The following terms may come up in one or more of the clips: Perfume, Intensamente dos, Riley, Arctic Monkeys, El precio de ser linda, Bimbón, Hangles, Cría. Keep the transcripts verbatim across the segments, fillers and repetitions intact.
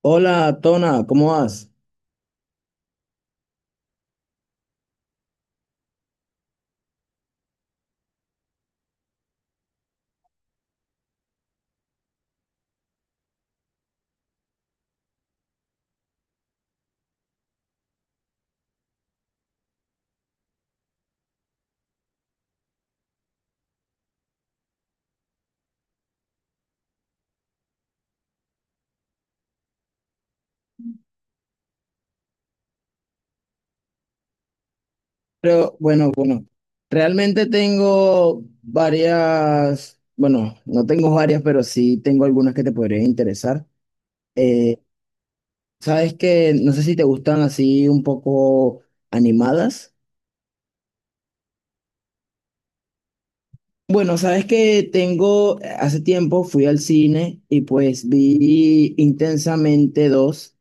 Hola, Tona, ¿cómo vas? Pero bueno, bueno, realmente tengo varias, bueno, no tengo varias, pero sí tengo algunas que te podrían interesar. Eh, sabes que no sé si te gustan así un poco animadas. Bueno, sabes que tengo, hace tiempo fui al cine y pues vi Intensamente dos.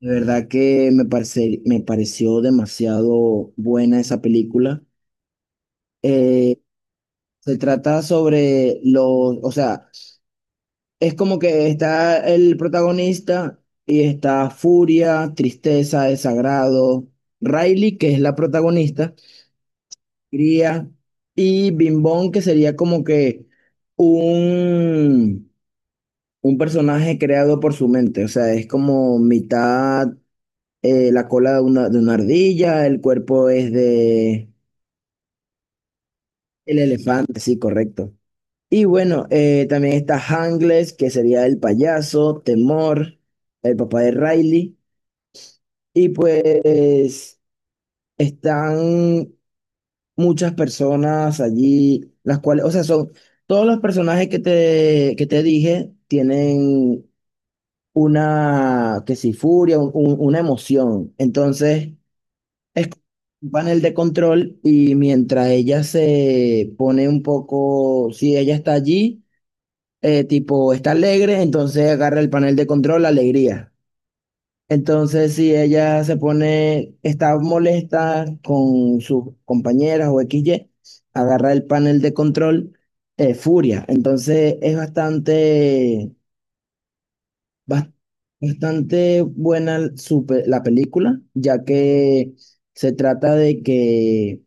De verdad que me parece, me pareció demasiado buena esa película. Eh, Se trata sobre los, o sea, es como que está el protagonista y está furia, tristeza, desagrado, Riley, que es la protagonista, Cría, y Bimbón, que sería como que un, un personaje creado por su mente, o sea, es como mitad eh, la cola de una, de una ardilla, el cuerpo es de el elefante, sí, correcto. Y bueno, eh, también está Hangles, que sería el payaso, Temor, el papá de Riley. Y pues están muchas personas allí, las cuales, o sea, son todos los personajes que te, que te dije tienen una, que si furia, un- un- una emoción. Entonces, es un panel de control y mientras ella se pone un poco, si ella está allí. Eh, tipo, está alegre, entonces agarra el panel de control, alegría. Entonces, si ella se pone, está molesta con sus compañeras o X y agarra el panel de control, eh, furia. Entonces, es bastante, bas- bastante buena su pe- la película, ya que se trata de que,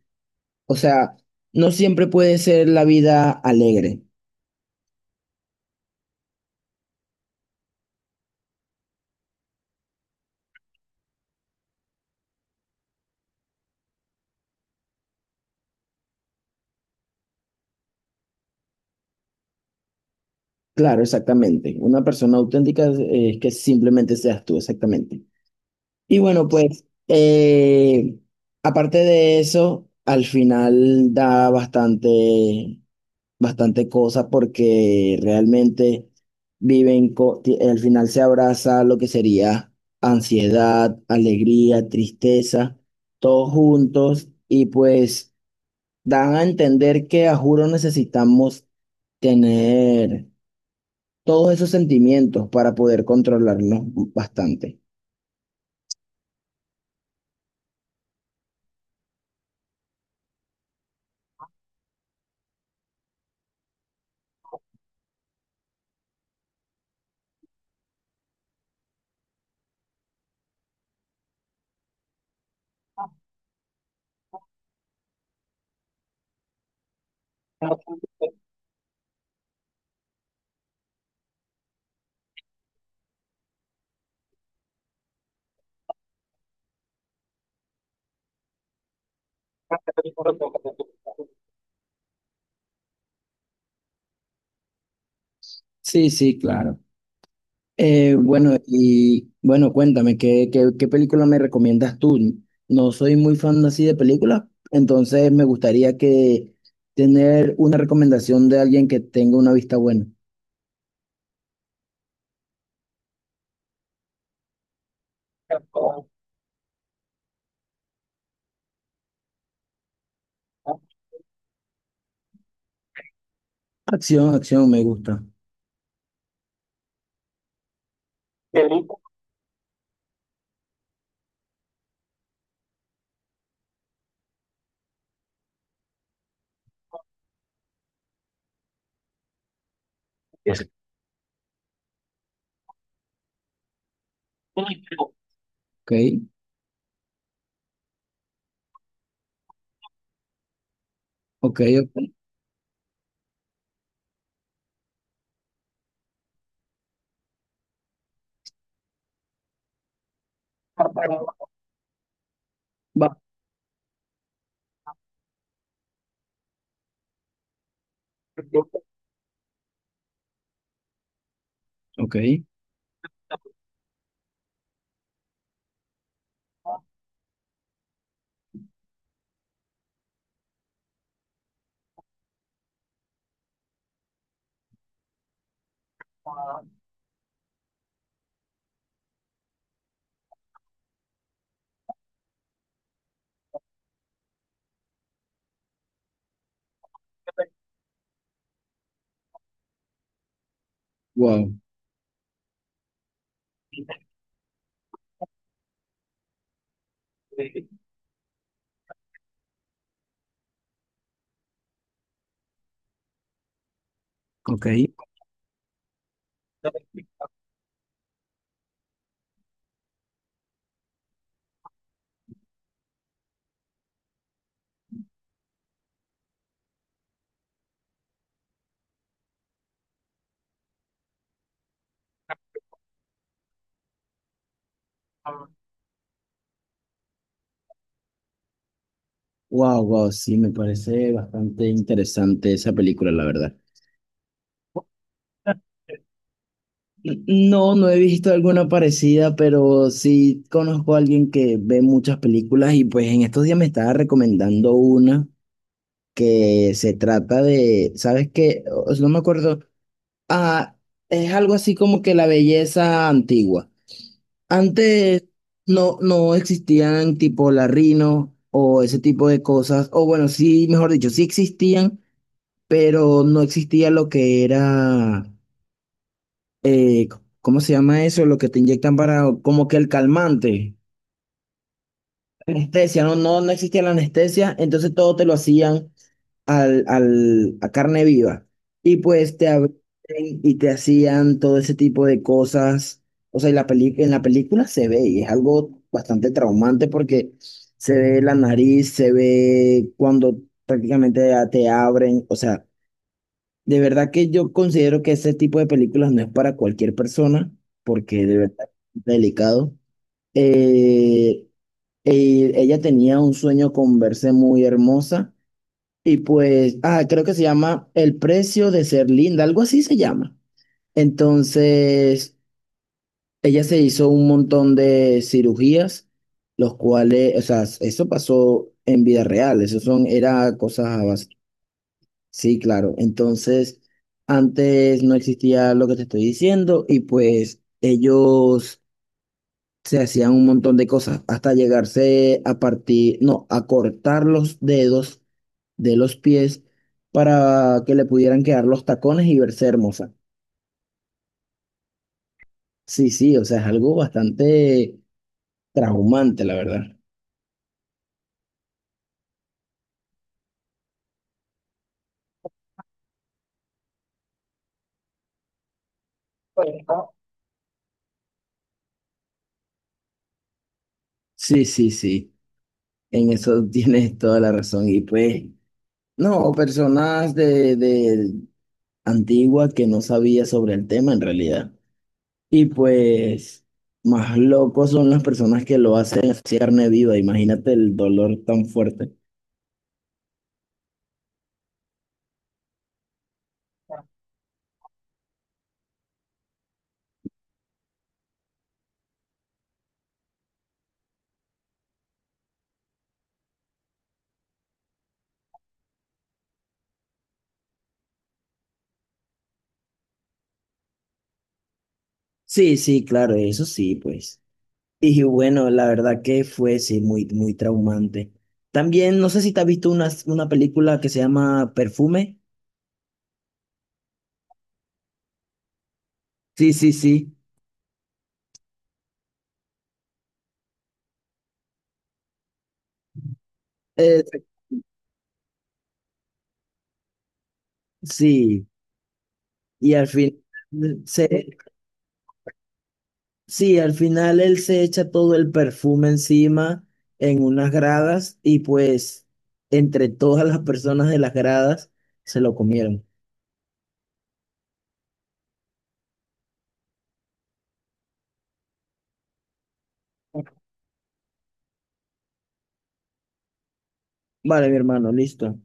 o sea, no siempre puede ser la vida alegre. Claro, exactamente. Una persona auténtica es es que simplemente seas tú, exactamente. Y bueno, pues, eh, aparte de eso, al final da bastante, bastante cosa porque realmente viven, co- ti- al final se abraza lo que sería ansiedad, alegría, tristeza, todos juntos y pues dan a entender que a juro necesitamos tener todos esos sentimientos para poder controlarnos bastante. Sí, sí, claro. Eh, bueno, y bueno, cuéntame, ¿qué, qué, qué película me recomiendas tú? No soy muy fan así de películas, entonces me gustaría que tener una recomendación de alguien que tenga una vista buena. Acción, acción, me gusta. Ok, ok, ok. Va, ok, wow, ok. Wow, wow, sí, me parece bastante interesante esa película, la verdad. No, no he visto alguna parecida, pero sí conozco a alguien que ve muchas películas y pues en estos días me estaba recomendando una que se trata de, ¿sabes qué? O- No me acuerdo. Ah, es algo así como que la belleza antigua. Antes no, no existían tipo la Rino o ese tipo de cosas, o bueno, sí, mejor dicho, sí existían pero no existía lo que era, eh, ¿cómo se llama eso? Lo que te inyectan para, como que el calmante, anestesia, no, no, no existía la anestesia, entonces todo te lo hacían al, al, a carne viva. Y pues te abrían y te hacían todo ese tipo de cosas. O sea, y la peli- en la película se ve y es algo bastante traumante porque se ve la nariz, se ve cuando prácticamente te abren, o sea. De verdad que yo considero que ese tipo de películas no es para cualquier persona, porque de verdad es delicado. Eh, eh, Ella tenía un sueño con verse muy hermosa y pues, ah, creo que se llama El precio de ser linda, algo así se llama. Entonces, ella se hizo un montón de cirugías, los cuales, o sea, eso pasó en vida real, eso son, era cosas a base. Sí, claro. Entonces, antes no existía lo que te estoy diciendo y pues ellos se hacían un montón de cosas hasta llegarse a partir, no, a cortar los dedos de los pies para que le pudieran quedar los tacones y verse hermosa. Sí, sí, o sea, es algo bastante traumante, la verdad. Sí, sí, sí. En eso tienes toda la razón. Y pues, no, personas de, de, antigua que no sabía sobre el tema en realidad. Y pues más locos son las personas que lo hacen así carne viva, imagínate el dolor tan fuerte. Sí, sí, claro, eso sí, pues. Y bueno, la verdad que fue, sí, muy, muy traumante. También, no sé si te has visto una, una película que se llama Perfume. Sí, sí, sí. Eh, sí, y al final eh, se, Sí, al final él se echa todo el perfume encima en unas gradas y pues entre todas las personas de las gradas se lo comieron. Vale, mi hermano, listo.